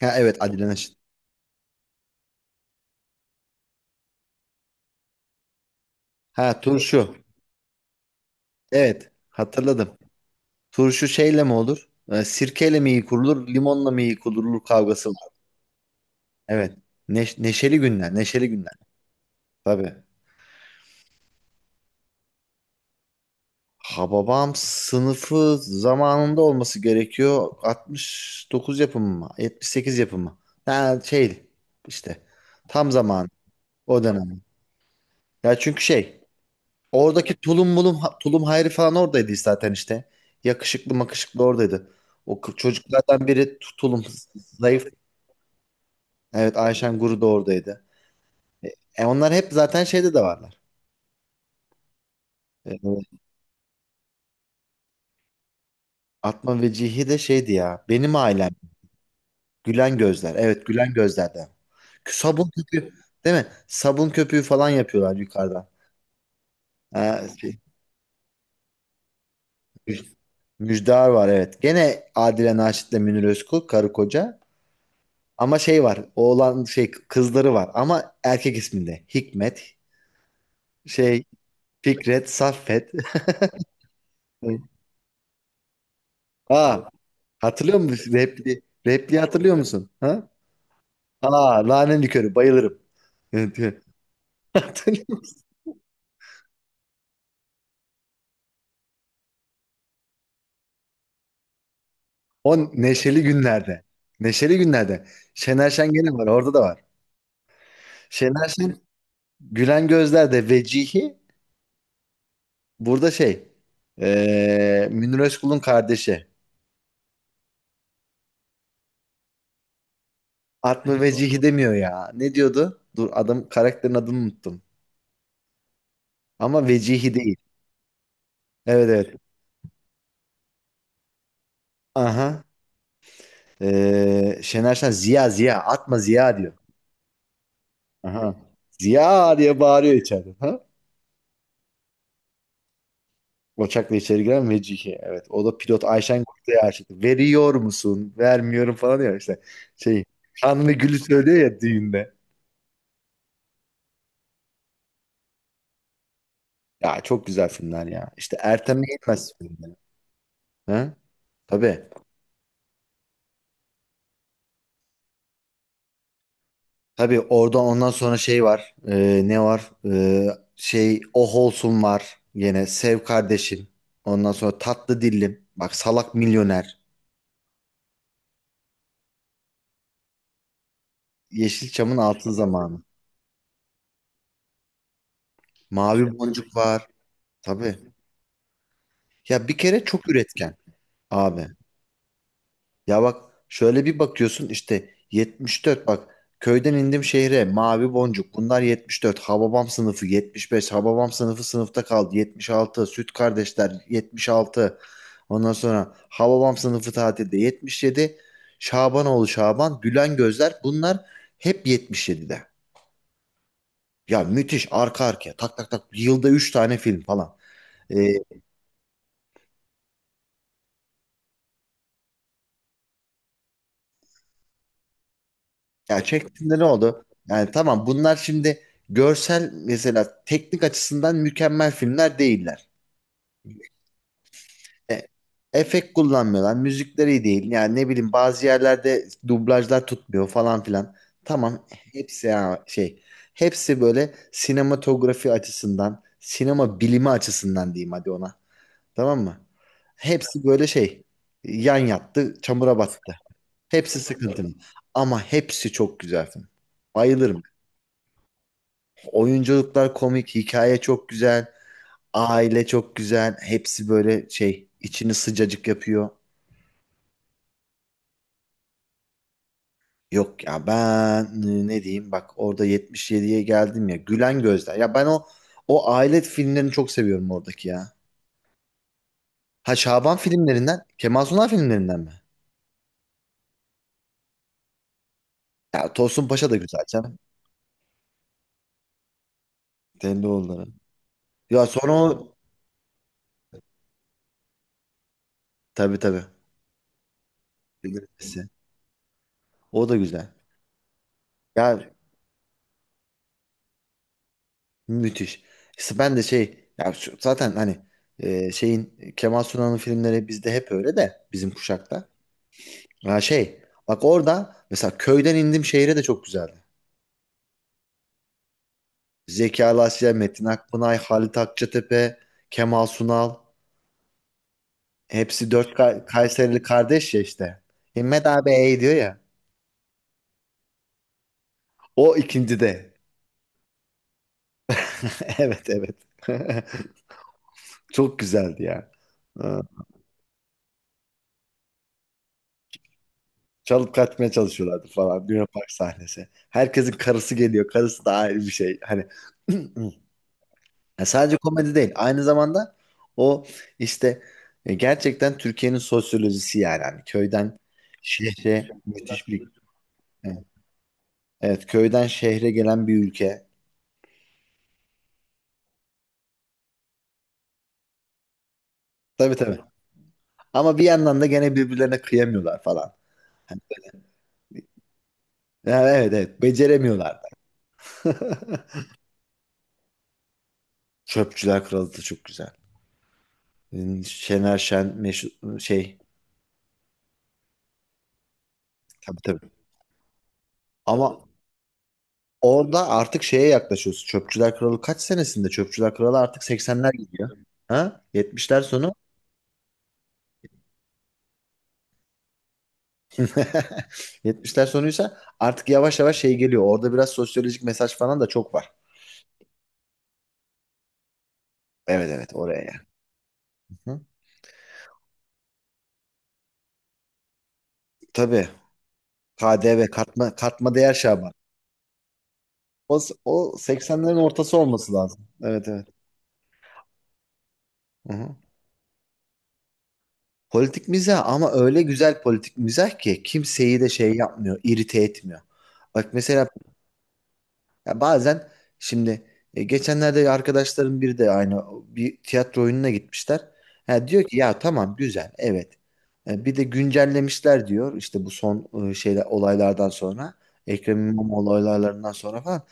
Ha evet Adile Naşit. Ha turşu. Evet hatırladım. Turşu şeyle mi olur? Sirkeyle mi iyi kurulur? Limonla mı iyi kurulur kavgası var. Evet. Neşeli günler. Neşeli günler. Tabii. Hababam sınıfı zamanında olması gerekiyor. 69 yapımı mı? 78 yapımı. Ha şey işte. Tam zaman. O dönem. Ya çünkü şey. Oradaki tulum mulum tulum Hayri falan oradaydı zaten işte. Yakışıklı makışıklı oradaydı. Çocuklardan biri tulum zayıf. Evet Ayşen Guru da oradaydı. E, onlar hep zaten şeyde de varlar. E, Atma ve Cihi de şeydi ya. Benim ailem. Gülen gözler. Evet Gülen gözlerden. Sabun köpüğü değil mi? Sabun köpüğü falan yapıyorlar yukarıdan. Ha, şey, müj- Müjdar var evet. Gene Adile Naşit'le Münir Özkul karı koca. Ama şey var. Oğlan şey kızları var ama erkek isminde. Hikmet, şey Fikret, Saffet. Aa, hatırlıyor musun? Repliği hatırlıyor musun? Ha? Aa, nane likörü bayılırım. Evet, evet. Hatırlıyor musun? O neşeli günlerde. Neşeli günlerde. Şener Şen gene var. Orada da var. Şener Şen Gülen Gözler'de Vecihi burada şey Münir Özkul'un kardeşi. Atma Vecihi demiyor ya. Ne diyordu? Dur adam karakterin adını unuttum. Ama vecihi değil. Evet evet. Aha. Şener Şen Ziya Ziya atma Ziya diyor. Aha. Ziya diye bağırıyor içeride. Ha? Uçakla içeri giren Vecihi. Evet. O da pilot Ayşen Kurt'a aşık. Veriyor musun? Vermiyorum falan diyor işte. Şey. Kanlı Gül'ü söylüyor ya düğünde. Ya çok güzel filmler ya. İşte Ertem Eğilmez filmleri. Ha? Tabii. Tabii orada ondan sonra şey var. Ne var? Şey Oh Olsun var. Yine Sev Kardeşim. Ondan sonra Tatlı Dillim. Bak Salak Milyoner. Yeşilçam'ın altın zamanı. Mavi Boncuk var. Tabii. Ya bir kere çok üretken abi. Ya bak şöyle bir bakıyorsun işte 74 bak köyden indim şehre mavi boncuk bunlar 74 Hababam sınıfı 75 Hababam sınıfı sınıfta kaldı 76 Süt kardeşler 76 ondan sonra Hababam sınıfı tatilde 77 Şabanoğlu Şaban Gülen Gözler bunlar hep 77'de. Ya müthiş arka arkaya tak tak tak yılda 3 tane film falan. Ee, Ya çektiğinde ne oldu? Yani tamam bunlar şimdi görsel mesela teknik açısından mükemmel filmler değiller. E, efekt kullanmıyorlar. Müzikleri iyi değil. Yani ne bileyim bazı yerlerde dublajlar tutmuyor falan filan. Tamam hepsi ya şey. Hepsi böyle sinematografi açısından, sinema bilimi açısından diyeyim hadi ona. Tamam mı? Hepsi böyle şey. Yan yattı, çamura battı. Hepsi sıkıntılı. Ama hepsi çok güzel film. Bayılırım. Oyunculuklar komik, hikaye çok güzel, aile çok güzel. Hepsi böyle şey içini sıcacık yapıyor. Yok ya ben ne diyeyim bak orada 77'ye geldim ya Gülen Gözler. Ya ben o aile filmlerini çok seviyorum oradaki ya. Ha Şaban filmlerinden, Kemal Sunal filmlerinden mi? Ya Tosun Paşa da güzel canım. Telli oğulları. Ya sonra o tabii tabii. Bilirsin. O da güzel. Ya müthiş. İşte ben de şey ya zaten hani şeyin Kemal Sunal'ın filmleri bizde hep öyle de bizim kuşakta. Ha şey bak orada mesela köyden indim şehire de çok güzeldi. Zeki Alasya, Metin Akpınar, Halit Akçatepe, Kemal Sunal hepsi dört Kayserili kardeş ya işte. Himmet abi ey diyor ya. O ikinci de. Evet evet. Çok güzeldi ya. Çalıp kaçmaya çalışıyorlardı falan. Luna Park sahnesi. Herkesin karısı geliyor. Karısı da ayrı bir şey. Hani ya sadece komedi değil. Aynı zamanda o işte gerçekten Türkiye'nin sosyolojisi yani. Hani köyden şehre müthiş bir evet. Evet, köyden şehre gelen bir ülke. Tabii tabii. Ama bir yandan da gene birbirlerine kıyamıyorlar falan. Hani, yani evet evet beceremiyorlar da. Çöpçüler Kralı da çok güzel. Şener Şen meşhur şey tabii tabii. Ama orada artık şeye yaklaşıyorsun. Çöpçüler Kralı kaç senesinde? Çöpçüler Kralı artık 80'ler gidiyor. Ha? 70'ler sonu. 70'ler sonuysa artık yavaş yavaş şey geliyor. Orada biraz sosyolojik mesaj falan da çok var. Evet evet oraya yani. Hı? Tabii. KDV katma değer Şaban. O, o 80'lerin ortası olması lazım. Evet evet. Hı hı. Politik mizah ama öyle güzel politik mizah ki kimseyi de şey yapmıyor, irite etmiyor. Bak mesela. Ya bazen şimdi geçenlerde arkadaşlarım biri de aynı bir tiyatro oyununa gitmişler. Ha, diyor ki ya tamam güzel evet. Bir de güncellemişler diyor işte bu son şeyler olaylardan sonra Ekrem İmamoğlu olaylarından sonra falan.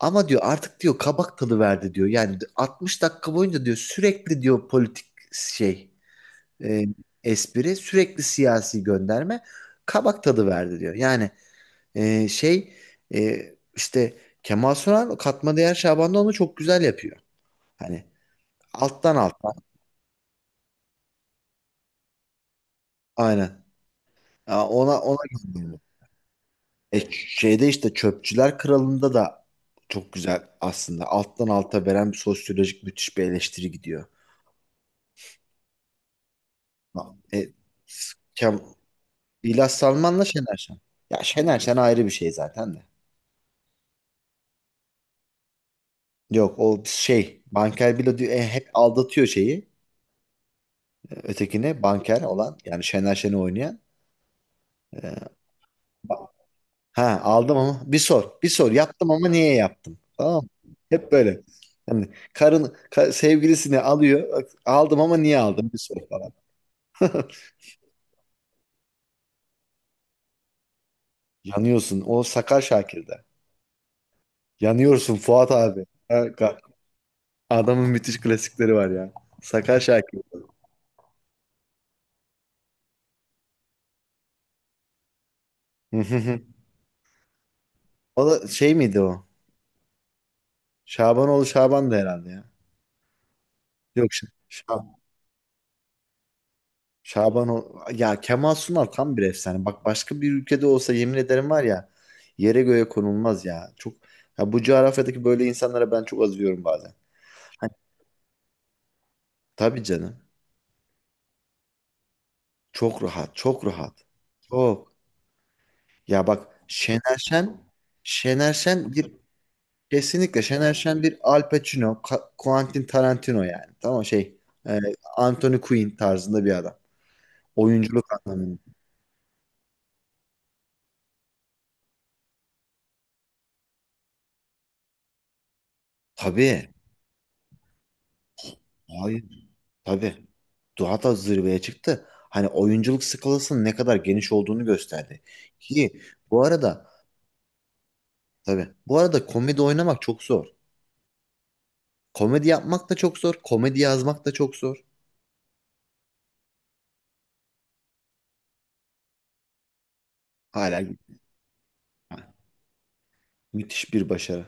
Ama diyor artık diyor kabak tadı verdi diyor. Yani 60 dakika boyunca diyor sürekli diyor politik şey e, espri sürekli siyasi gönderme kabak tadı verdi diyor. Yani şey e, işte Kemal Sunal katma değer Şaban'da onu çok güzel yapıyor. Hani alttan alttan aynen. Ya ona gönderiyor. Şeyde işte Çöpçüler Kralı'nda da çok güzel aslında. Alttan alta veren bir sosyolojik müthiş bir eleştiri gidiyor. E, Kem, İlyas Salman'la Şener Şen. Ya Şener Şen ayrı bir şey zaten de. Yok o şey Banker Bilo diyor, hep aldatıyor şeyi ötekine Banker olan yani Şener Şen'i oynayan. E, ba- Ha aldım ama bir sor. Bir sor. Yaptım ama niye yaptım? Tamam mı? Hep böyle. Hani karın sevgilisini alıyor. Aldım ama niye aldım? Bir sor falan. Yanıyorsun. O Sakar Şakir'de. Yanıyorsun Fuat abi. Adamın müthiş klasikleri var ya. Sakar Şakir. O da şey miydi o? Şabanoğlu Şaban da herhalde ya. Yok. Şaban. Ya Kemal Sunal tam bir efsane. Bak başka bir ülkede olsa yemin ederim var ya yere göğe konulmaz ya. Çok ya bu coğrafyadaki böyle insanlara ben çok azıyorum bazen. Hani, tabii canım. Çok rahat, çok rahat. Çok. Ya bak Şener Şen Şener Şen bir kesinlikle Şener Şen bir Al Pacino, Quentin Tarantino yani. Tamam şey e, Anthony Quinn tarzında bir adam. Oyunculuk anlamında. Tabii. Hayır. Tabii. Daha da zirveye çıktı. Hani oyunculuk skalasının ne kadar geniş olduğunu gösterdi. Ki bu arada tabii bu arada komedi oynamak çok zor. Komedi yapmak da çok zor. Komedi yazmak da çok zor. Hala müthiş bir başarı.